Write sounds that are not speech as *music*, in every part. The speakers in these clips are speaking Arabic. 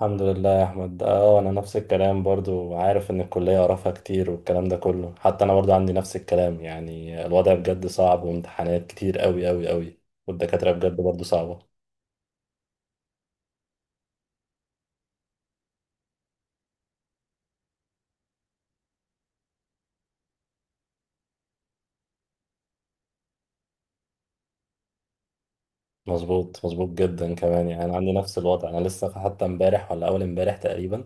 الحمد لله يا احمد. اه انا نفس الكلام برضو، عارف ان الكليه قرفها كتير والكلام ده كله، حتى انا برضو عندي نفس الكلام، يعني الوضع بجد صعب وامتحانات كتير قوي قوي قوي. والدكاتره بجد برضو صعبه. مظبوط، مظبوط جدا كمان، يعني انا عندي نفس الوضع. انا لسه حتى امبارح ولا اول امبارح تقريبا،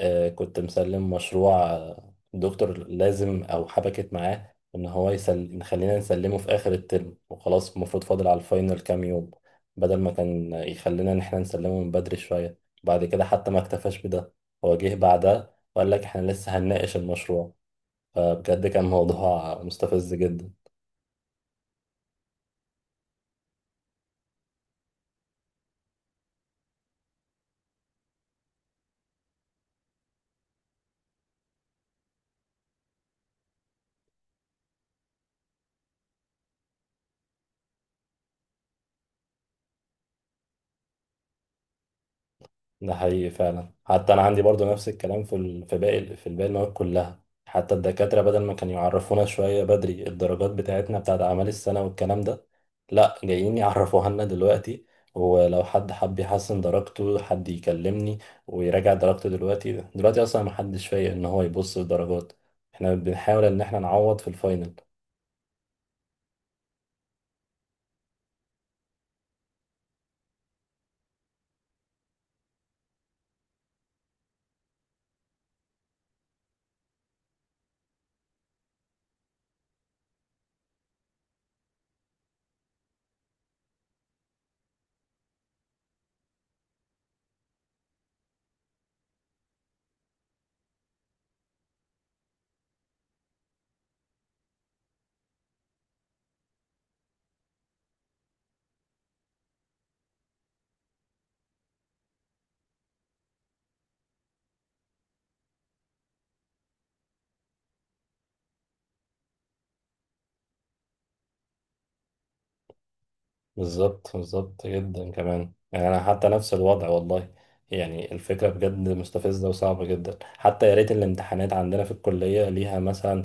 كنت مسلم مشروع، دكتور لازم او حبكت معاه ان هو نخلينا نسلمه في اخر الترم وخلاص، المفروض فاضل على الفاينل كام يوم، بدل ما كان يخلينا ان احنا نسلمه من بدري شوية. بعد كده حتى ما اكتفاش بده، هو جه بعدها وقال لك احنا لسه هنناقش المشروع. فبجد كان موضوع مستفز جدا. ده حقيقي فعلا، حتى انا عندي برضو نفس الكلام في باقي، في باقي المواد كلها، حتى الدكاتره بدل ما كانوا يعرفونا شويه بدري الدرجات بتاعتنا بتاعت اعمال السنه والكلام ده، لا جايين يعرفوها لنا دلوقتي. ولو حد حب يحسن درجته، حد يكلمني ويراجع درجته دلوقتي، دلوقتي اصلا ما حدش فايق ان هو يبص للدرجات، احنا بنحاول ان احنا نعوض في الفاينل. بالظبط، بالظبط جدا كمان، يعني انا حتى نفس الوضع والله. يعني الفكره بجد مستفزه وصعبه جدا، حتى يا ريت الامتحانات عندنا في الكليه ليها مثلا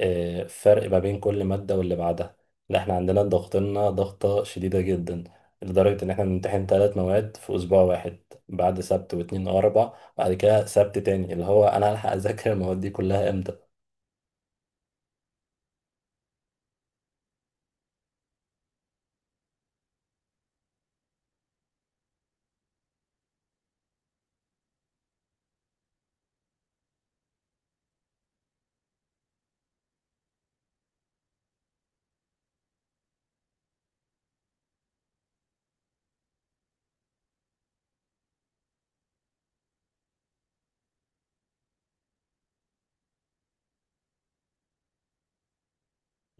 فرق ما بين كل ماده واللي بعدها. لا احنا عندنا ضغطنا ضغطه شديده جدا، لدرجه ان احنا بنمتحن 3 مواد في اسبوع واحد، بعد سبت واثنين واربع، بعد كده سبت تاني، اللي هو انا هلحق اذاكر المواد دي كلها امتى؟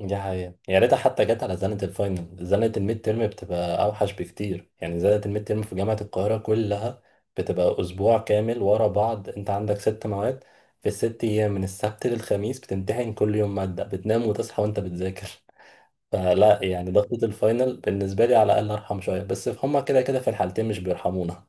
دي حقيقة، يا ريتها حتى جت على زنة الفاينل، زنة الميد تيرم بتبقى أوحش بكتير. يعني زنة الميد تيرم في جامعة القاهرة كلها بتبقى أسبوع كامل ورا بعض، أنت عندك 6 مواد في الست أيام من السبت للخميس، بتمتحن كل يوم مادة، بتنام وتصحى وأنت بتذاكر. *laughs* فلا، يعني ضغطة الفاينل بالنسبة لي على الأقل أرحم شوية، بس هما كده كده في الحالتين مش بيرحمونا.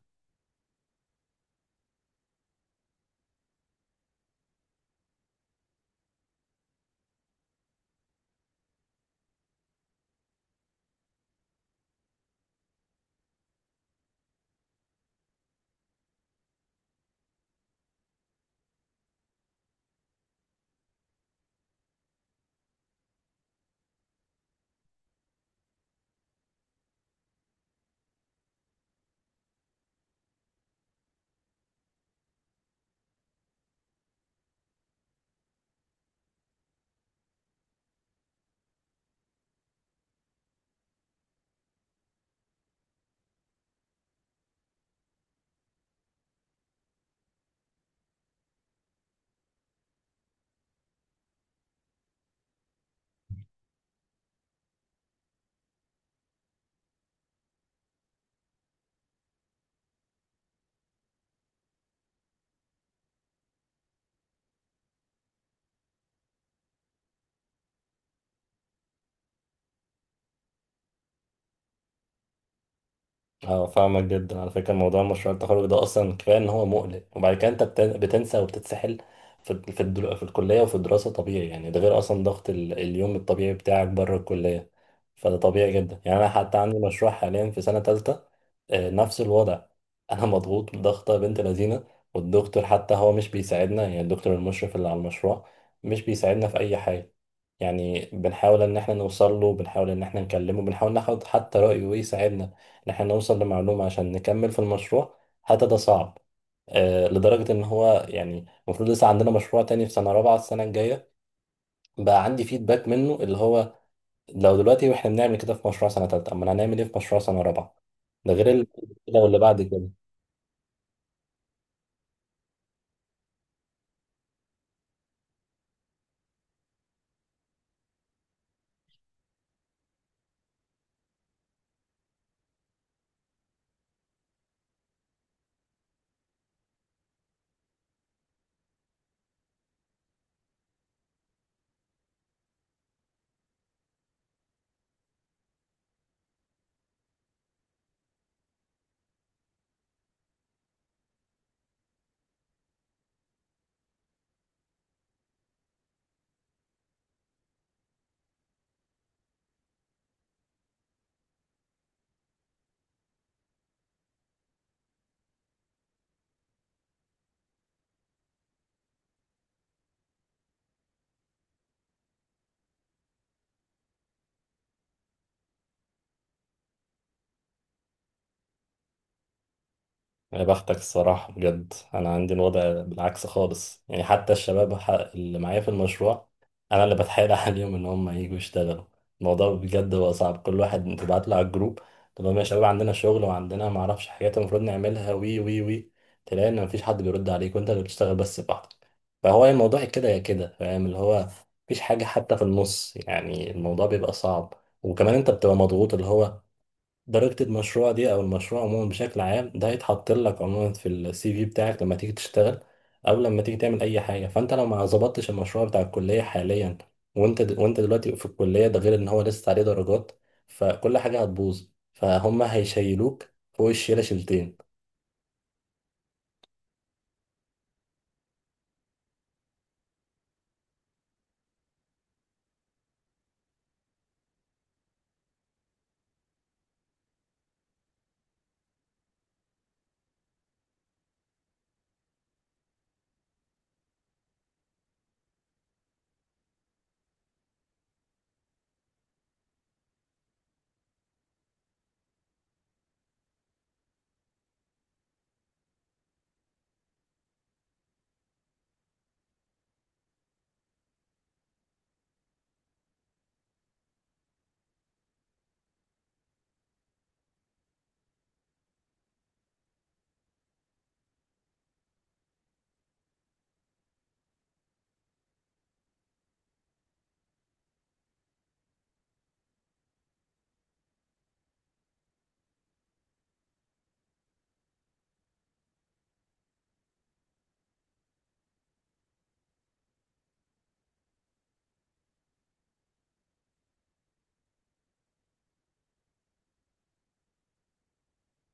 اه، فاهمك جدا. على فكرة موضوع مشروع التخرج ده أصلا كفاية إن هو مقلق، وبعد كده أنت بتنسى وبتتسحل في الكلية وفي الدراسة. طبيعي، يعني ده غير أصلا ضغط اليوم الطبيعي بتاعك بره الكلية. فده طبيعي جدا، يعني أنا حتى عندي مشروع حاليا في سنة تالتة، نفس الوضع. *laughs* أنا مضغوط ضغطة بنت لذينة. والدكتور حتى هو مش بيساعدنا، يعني الدكتور المشرف اللي على المشروع مش بيساعدنا في أي حاجة. يعني بنحاول إن إحنا نوصل له، بنحاول إن إحنا نكلمه، بنحاول ناخد حتى رأيه ويساعدنا إن إحنا نوصل لمعلومة عشان نكمل في المشروع، حتى ده صعب. لدرجة إن هو، يعني المفروض لسه عندنا مشروع تاني في سنة رابعة السنة الجاية، بقى عندي فيدباك منه، اللي هو لو دلوقتي وإحنا بنعمل كده في مشروع سنة تالتة، أمال هنعمل إيه في مشروع سنة رابعة؟ ده غير كده واللي بعد كده. يا بختك الصراحة، بجد أنا عندي الوضع بالعكس خالص. يعني حتى الشباب اللي معايا في المشروع، أنا اللي بتحايل عليهم إن هم ييجوا يشتغلوا. الموضوع بجد هو صعب، كل واحد تبعت له على الجروب، تقول لهم يا شباب عندنا شغل وعندنا معرفش حاجات المفروض نعملها وي وي وي، تلاقي إن مفيش حد بيرد عليك وأنت اللي بتشتغل بس لوحدك. فهو الموضوع يا كده يا كده، فاهم؟ اللي هو مفيش حاجة حتى في النص، يعني الموضوع بيبقى صعب. وكمان أنت بتبقى مضغوط، اللي هو درجة المشروع دي أو المشروع عموما بشكل عام ده هيتحط لك عموما في السي في بتاعك لما تيجي تشتغل، أو لما تيجي تعمل أي حاجة، فأنت لو ما ظبطتش المشروع بتاع الكلية حاليا وأنت وأنت دلوقتي في الكلية، ده غير إن هو لسه عليه درجات، فكل حاجة هتبوظ، فهم هيشيلوك فوق الشيلة شيلتين.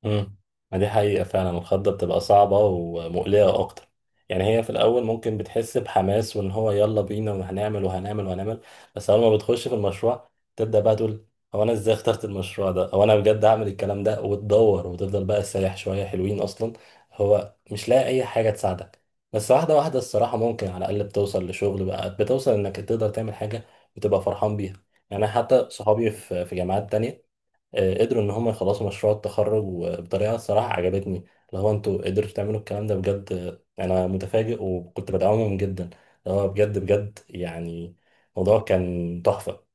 امم ما دي حقيقة فعلا، الخضة بتبقى صعبة ومقلقة أكتر. يعني هي في الأول ممكن بتحس بحماس، وإن هو يلا بينا وهنعمل وهنعمل وهنعمل. بس أول ما بتخش في المشروع، تبدأ بقى تقول هو أنا إزاي اخترت المشروع ده؟ هو أنا بجد هعمل الكلام ده؟ وتدور وتفضل بقى سايح شوية، حلوين أصلا، هو مش لاقي أي حاجة تساعدك. بس واحدة واحدة الصراحة ممكن على الأقل بتوصل لشغل بقى، بتوصل إنك تقدر تعمل حاجة وتبقى فرحان بيها. يعني أنا حتى صحابي في جامعات تانية قدروا ان هم يخلصوا مشروع التخرج، وبطريقه الصراحه عجبتني، اللي هو انتوا قدرتوا تعملوا الكلام ده بجد. انا متفاجئ وكنت بدعمهم جدا، اللي هو بجد بجد، يعني الموضوع كان تحفه.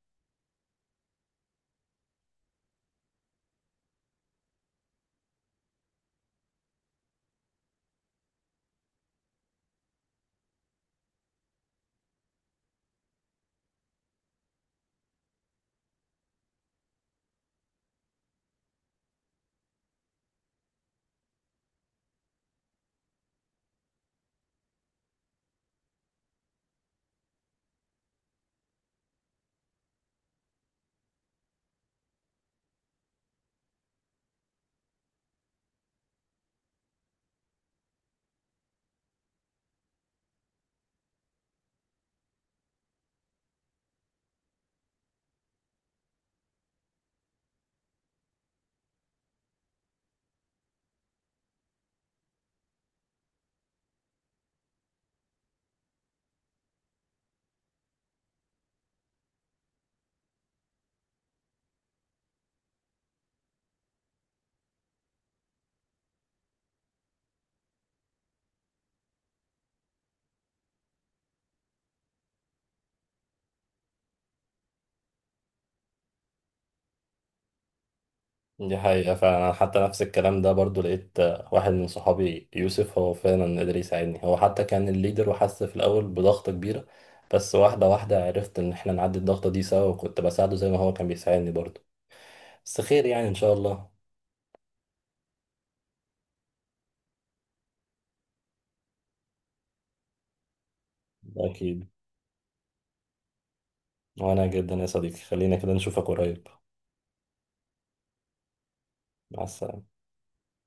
دي حقيقة فعلا، أنا حتى نفس الكلام ده برضو. لقيت واحد من صحابي يوسف هو فعلا قدر يساعدني، هو حتى كان الليدر وحس في الأول بضغطة كبيرة. بس واحدة واحدة عرفت إن إحنا نعدي الضغطة دي سوا، وكنت بساعده زي ما هو كان بيساعدني برضو. بس خير يعني إن شاء الله. أكيد. وأنا جدا يا صديقي، خلينا كده نشوفك قريب. مع السلامة.